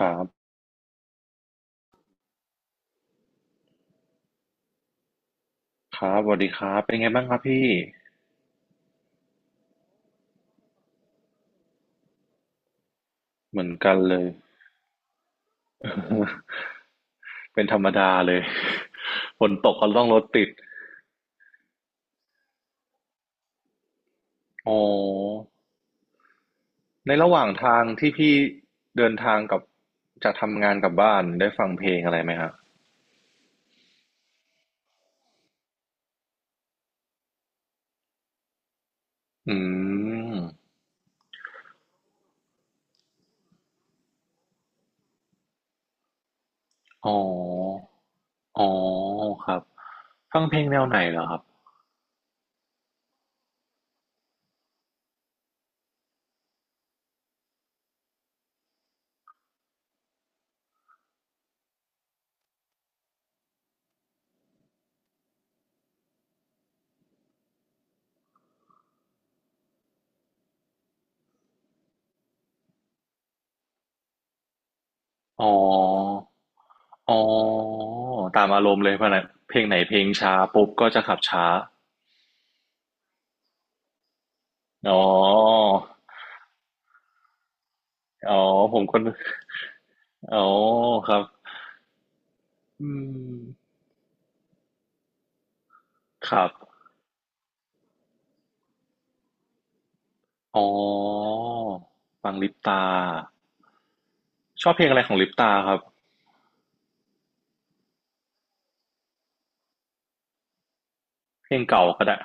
ครับครับสวัสดีครับเป็นไงบ้างครับพี่เหมือนกันเลย เป็นธรรมดาเลย ฝนตกก็ต้องรถติดอ๋อในระหว่างทางที่พี่เดินทางกับจากทำงานกลับบ้านได้ฟังเพลงอะไรไหมครับอืมอ๋ออ๋อครับฟังเพลงแนวไหนเหรอครับอ๋ออ๋อตามอารมณ์เลยเพราะไหนเพลงไหนเพลงช้าปุ๊บก็จะขับช้าอ๋ออ๋อผมคน อ๋อครับอืมครับอ๋อฟังลิปตาชอบเพลงอะไรของลิปตาครับ เพลงเก่าก็ได้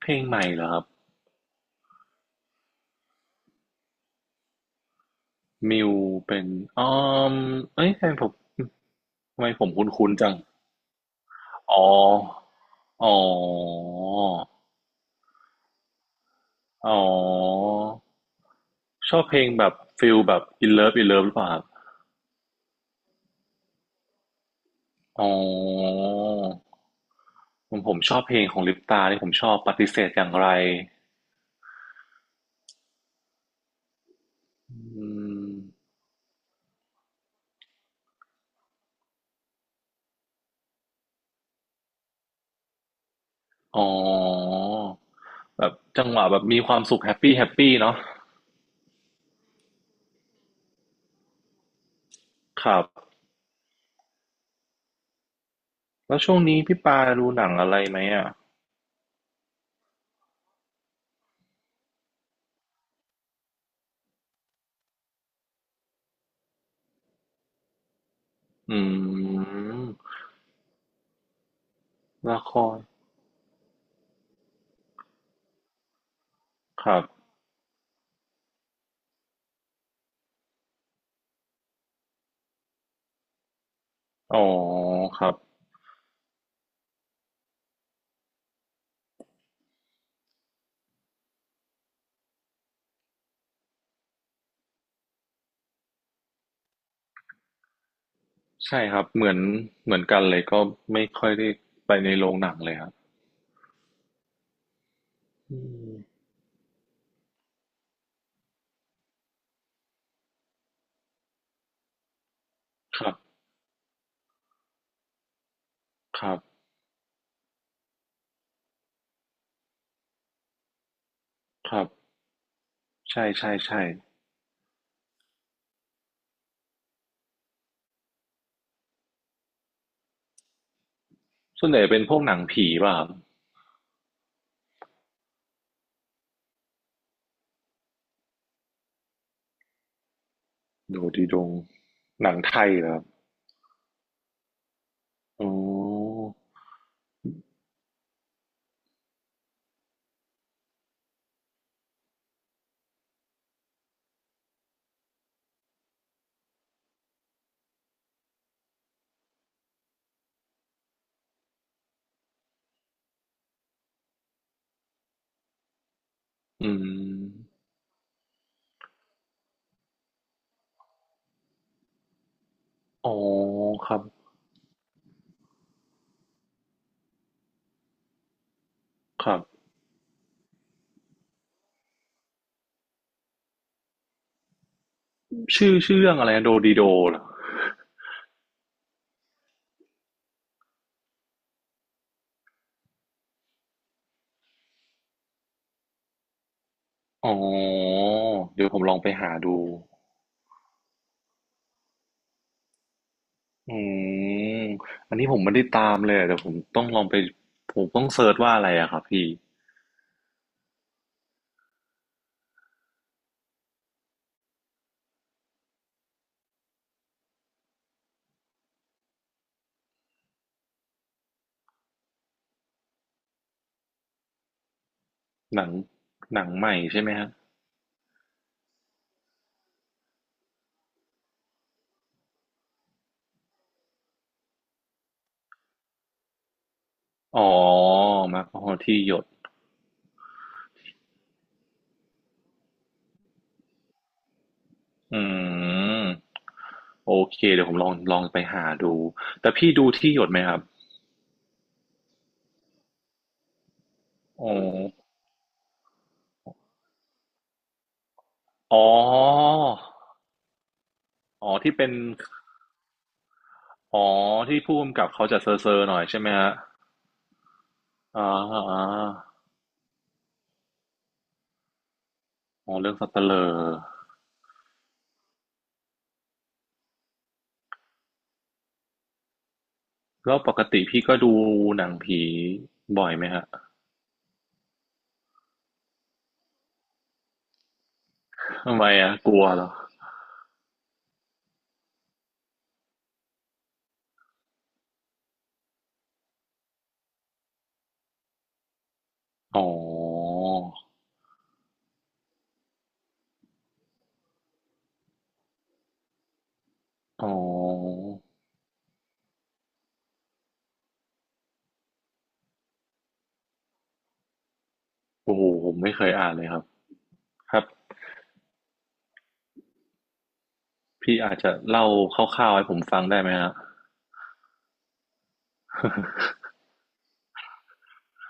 เพลงใหม่เหรอครับมิวเป็นอ๋อมเอ้ยทำไมผมคุ้นๆจังอ๋ออ๋ออ๋อชอบเพลงแบบฟิลแบบ In Love In Love หรือเปล่าครับอ๋อผมชอบเพลงของลิปตาที่ผมชอบปฏิเสธอย่างไรอืมอ๋อ แบบจังหวะแบบมีความสุขแฮปปี้แฮปปี้เนาะครับ แล้วช่วงนี้พี่ปาดูหนังอะไรไหมอ่ะอืมละครครับอ๋อครับใช่ครับเหมือนเหมือนกันเลยก็ไม่ค่อยได้ไปในโรงหนังเลยครับอืมครับครับครับใช่ใช่ใช่ส่วนใหญ่เป็นพวกหนังผีป่ะครับดูดีดงหนังไทยเหรอครับอ๋ออืมอ๋อครับครับชื่อเรื่องอะไรนะโดดีโดเหรอ อ๋อเดี๋ยวผมลองไปหาดู อืมอันนี้ผมไม่ได้ตามเลยอะแต่ผมต้องลองไปผมต้องเซิร์ชว่าอะไรอะครับพี่หนังหนังใหม่ใช่ไหมฮะอ๋อมาพอที่หยดอืมโอเคเดี๋ยวผมลองไปหาดูแต่พี่ดูที่หยดไหมครับอ๋ออ๋ออ๋อที่เป็นอ๋อที่ผู้กำกับเขาจะเซอร์หน่อยใช่ไหมฮะอ่าอ่าอ๋อเรื่องสัตว์เตลอ แล้วปกติพี่ก็ดูหนังผีบ่อยไหมฮะทำไมอ่ะกลัวเหรอ อ๋ออ๋อโอ้โหผมไม่เคยอ่านเลยครับครับ พี่อาจจะเล่าคร่าวๆให้ผมฟังได้ไหมฮะ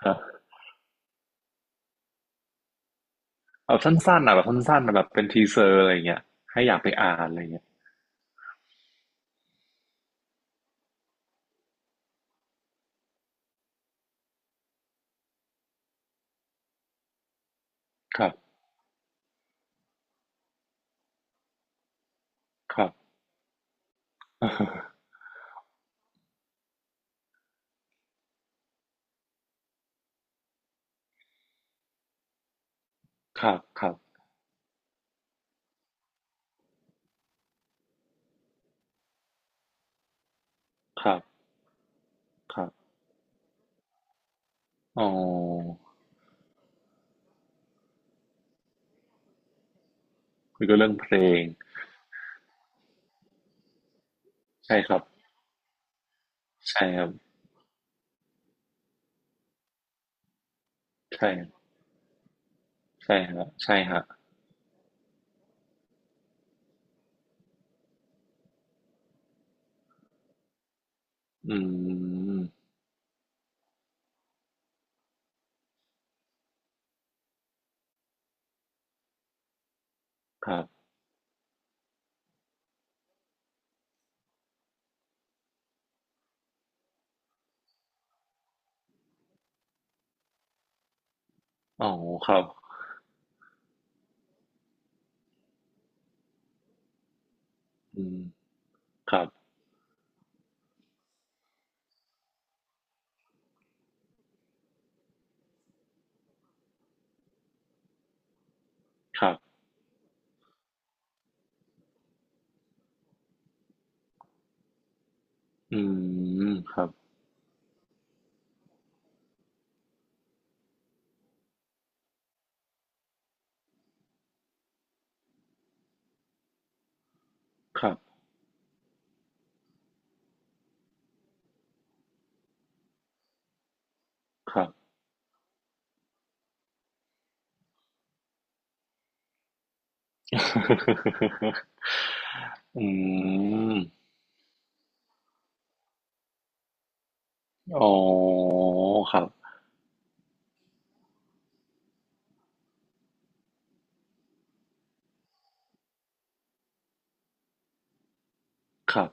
ครับเอาสั้นๆนะแบบสั้นๆนะแบบเป็นทีเซอร์อะไรเงี้ยให้อยากไปอ่านอะไรเงี้ยครับครับ ครับครับครับครับอ๋อคุยก็เรื่องเพลงใช่ครับใช่ครับใช่ใช่ฮะใช่ฮะอืมครับ อ๋อครับอืมครับครับอืมครับครับครับ อืมอ๋อครับครับ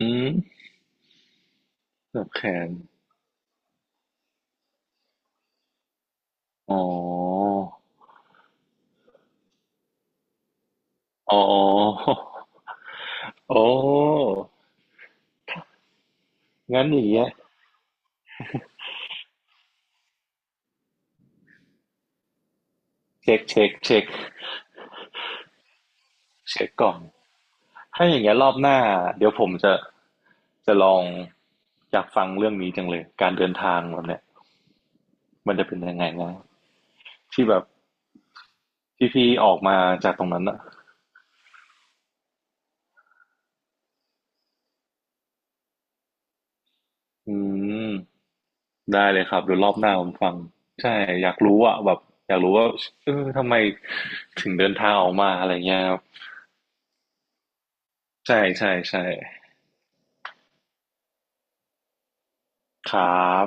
อืมเกือบแขนอ๋ออ๋อ โอ้งั้นอย่างเงี้ยเช็คเช็คก่อนถ้าอย่างเงี้ยรอบหน้าเดี๋ยวผมจะจะลองอยากฟังเรื่องนี้จังเลย การเดินทางแบบเนี้ยมันจะเป็นยังไงนะที่แบบที่พี่ออกมาจากตรงนั้นอะ อืมได้เลยครับเดี๋ยวรอบหน้าผมฟังใช่อยากรู้อ่ะแบบอยากรู้ว่าเออทำไมถึงเดินทางออกมาอะไรเงี้ยครับใช่ใช่ใช่ครับ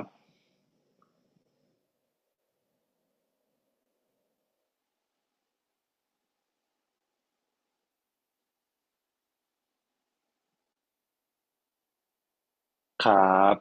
ครับ